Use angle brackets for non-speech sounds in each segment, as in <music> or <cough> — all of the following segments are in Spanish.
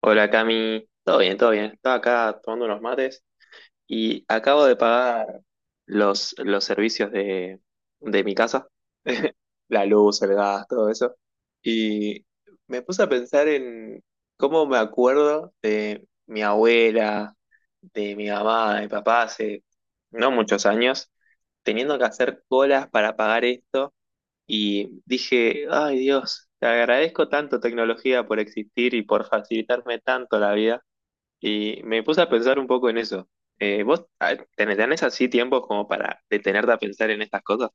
Hola Cami, todo bien, todo bien. Estaba acá tomando unos mates y acabo de pagar los servicios de mi casa, <laughs> la luz, el gas, todo eso. Y me puse a pensar en cómo me acuerdo de mi abuela, de mi mamá, de mi papá hace no muchos años, teniendo que hacer colas para pagar esto. Y dije, ay Dios, te agradezco tanto tecnología por existir y por facilitarme tanto la vida y me puse a pensar un poco en eso. ¿Vos tenés así tiempos como para detenerte a pensar en estas cosas?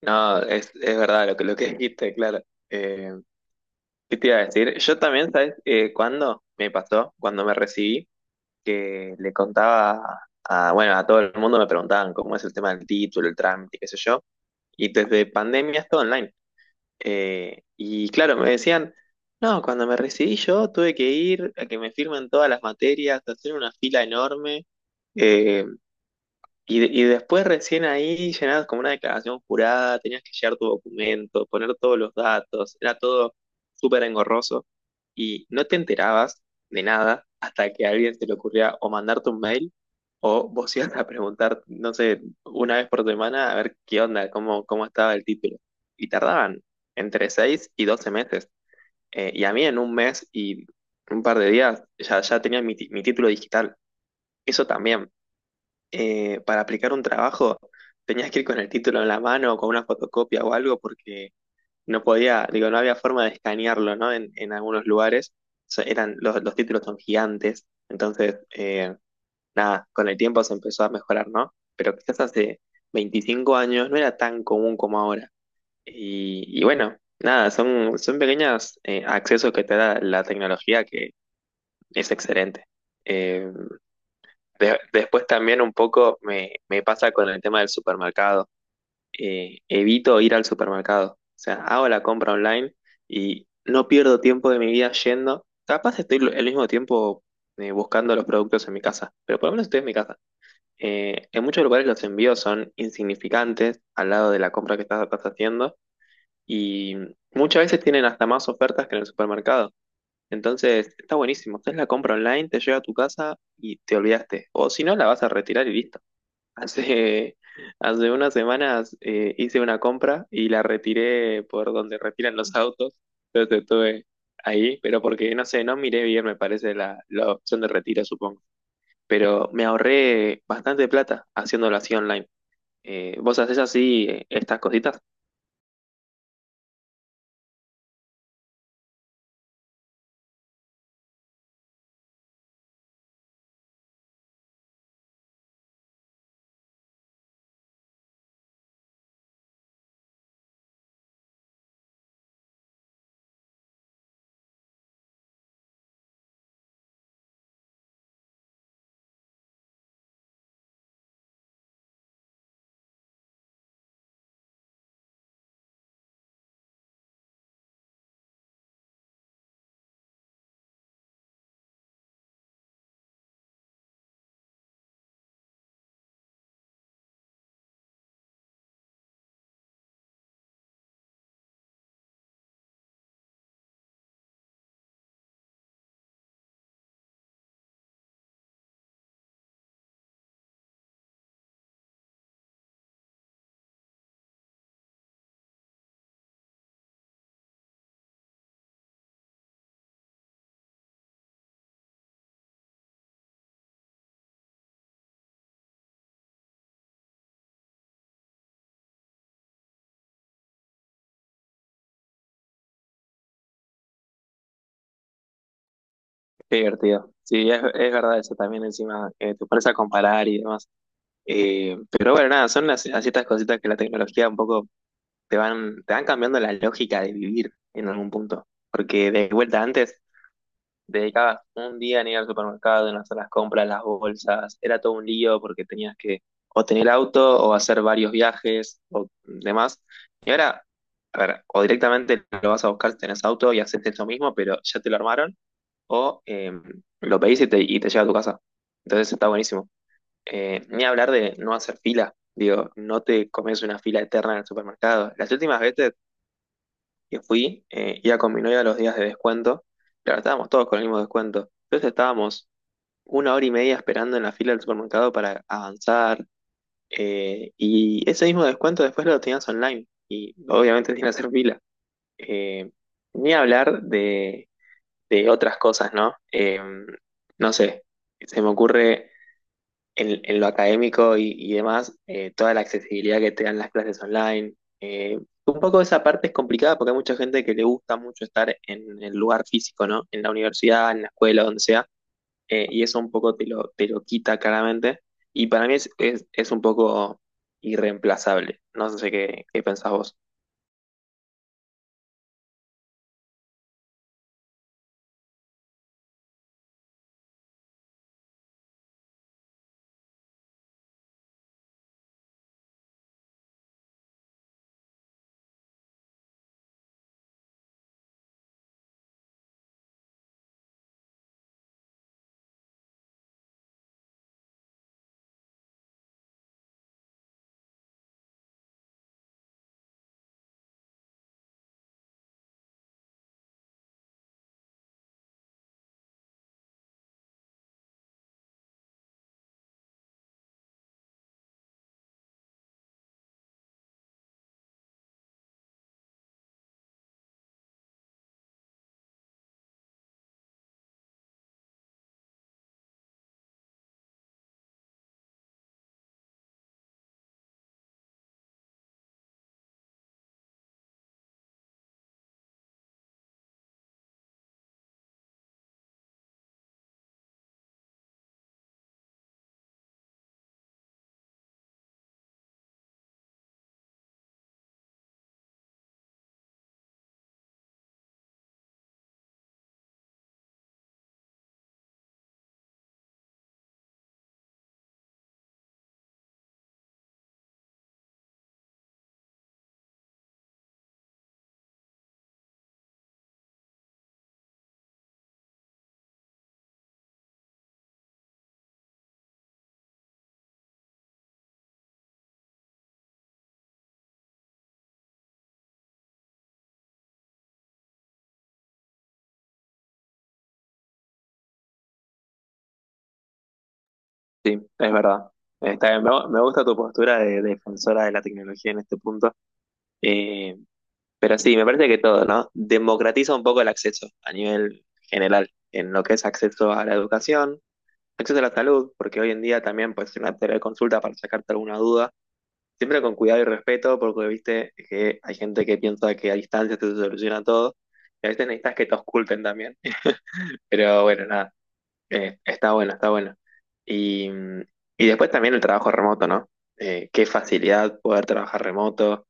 No, es verdad lo que dijiste, claro. Eh, ¿Qué te iba a decir? Yo también, ¿sabes? ¿Cuándo me pasó? Cuando me recibí, que le contaba a, bueno, a todo el mundo me preguntaban cómo es el tema del título, el trámite, qué sé yo. Y desde pandemia es todo online. Y claro, me decían... No, cuando me recibí yo tuve que ir a que me firmen todas las materias, hacer una fila enorme. Eh, y, y después recién ahí llenabas como una declaración jurada, tenías que llenar tu documento, poner todos los datos, era todo súper engorroso y no te enterabas de nada hasta que a alguien se le ocurría o mandarte un mail o vos <laughs> ibas a preguntar, no sé, una vez por semana a ver qué onda, cómo estaba el título. Y tardaban entre 6 y 12 meses. Y a mí en un mes y un par de días ya tenía mi título digital. Eso también para aplicar un trabajo tenías que ir con el título en la mano o con una fotocopia o algo porque no podía, digo, no había forma de escanearlo, ¿no? En algunos lugares eran, los títulos son gigantes, entonces, nada, con el tiempo se empezó a mejorar, ¿no? Pero quizás hace 25 años no era tan común como ahora. Y bueno, nada, son pequeños accesos que te da la tecnología que es excelente. Eh, después también un poco me pasa con el tema del supermercado. Evito ir al supermercado. O sea, hago la compra online y no pierdo tiempo de mi vida yendo. Capaz estoy el mismo tiempo buscando los productos en mi casa, pero por lo menos estoy en mi casa. En muchos lugares los envíos son insignificantes al lado de la compra que estás haciendo y muchas veces tienen hasta más ofertas que en el supermercado. Entonces, está buenísimo. Haces la compra online, te llega a tu casa y te olvidaste. O si no, la vas a retirar y listo. <laughs> Hace, hace unas semanas hice una compra y la retiré por donde retiran los autos. Entonces estuve ahí, pero porque no sé, no miré bien, me parece, la opción de retiro, supongo. Pero me ahorré bastante plata haciéndolo así online. ¿Vos hacés así estas cositas? Qué divertido. Sí, es verdad eso también encima, te pones a comparar y demás. Pero bueno, nada, son las ciertas cositas que la tecnología un poco te van cambiando la lógica de vivir en algún punto. Porque de vuelta antes dedicabas un día en ir al supermercado, en hacer las compras, las bolsas, era todo un lío porque tenías que o tener auto o hacer varios viajes o demás. Y ahora, a ver, o directamente lo vas a buscar si tenés auto y haces eso mismo, pero ya te lo armaron, o lo pedís y te llega a tu casa. Entonces está buenísimo. Ni hablar de no hacer fila, digo, no te comes una fila eterna en el supermercado. Las últimas veces que fui, iba con mi novia los días de descuento, claro, estábamos todos con el mismo descuento, entonces estábamos 1 hora y media esperando en la fila del supermercado para avanzar, y ese mismo descuento después lo tenías online, y obviamente sin hacer fila. Eh, ni hablar de otras cosas, ¿no? No sé, se me ocurre en lo académico y demás, toda la accesibilidad que te dan las clases online. eh, un poco esa parte es complicada porque hay mucha gente que le gusta mucho estar en el lugar físico, ¿no? En la universidad, en la escuela, donde sea, y eso un poco te lo quita claramente. Y para mí es un poco irreemplazable. No sé qué pensás vos. Sí, es verdad. Está bien. Me gusta tu postura de defensora de la tecnología en este punto. Eh, Pero sí, me parece que todo, ¿no? Democratiza un poco el acceso a nivel general, en lo que es acceso a la educación, acceso a la salud, porque hoy en día también puedes hacer una teleconsulta para sacarte alguna duda, siempre con cuidado y respeto, porque viste que hay gente que piensa que a distancia te soluciona todo, y a veces necesitas que te oculten también. Pero bueno, nada. Está bueno, está bueno. Y, y después también el trabajo remoto, ¿no? Qué facilidad poder trabajar remoto,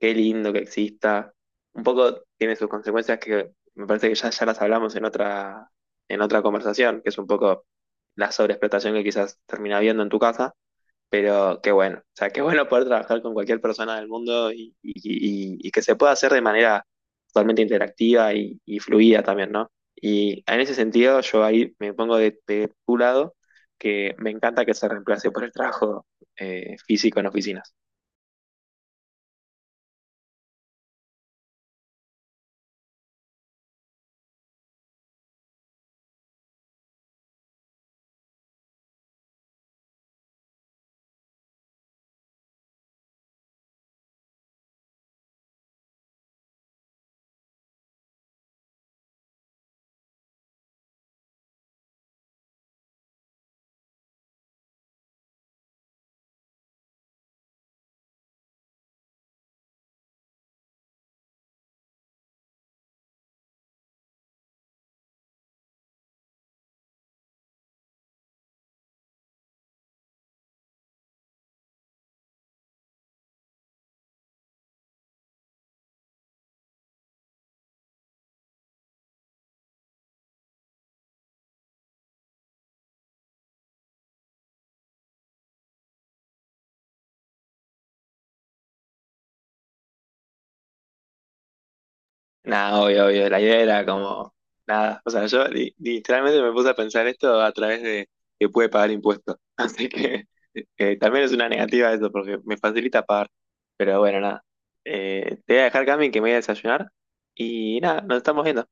qué lindo que exista. Un poco tiene sus consecuencias que me parece que ya las hablamos en otra conversación, que es un poco la sobreexplotación que quizás termina habiendo en tu casa. Pero qué bueno, o sea, qué bueno poder trabajar con cualquier persona del mundo y que se pueda hacer de manera totalmente interactiva y fluida también, ¿no? Y en ese sentido, yo ahí me pongo de tu lado, que me encanta que se reemplace por el trabajo físico en oficinas. Nada, obvio, obvio. La idea era como nada. O sea, yo literalmente me puse a pensar esto a través de que puede pagar impuestos. <laughs> Así que también es una negativa eso, porque me facilita pagar. Pero bueno, nada. Te voy a dejar, Cami, que me voy a desayunar. Y nada, nos estamos viendo.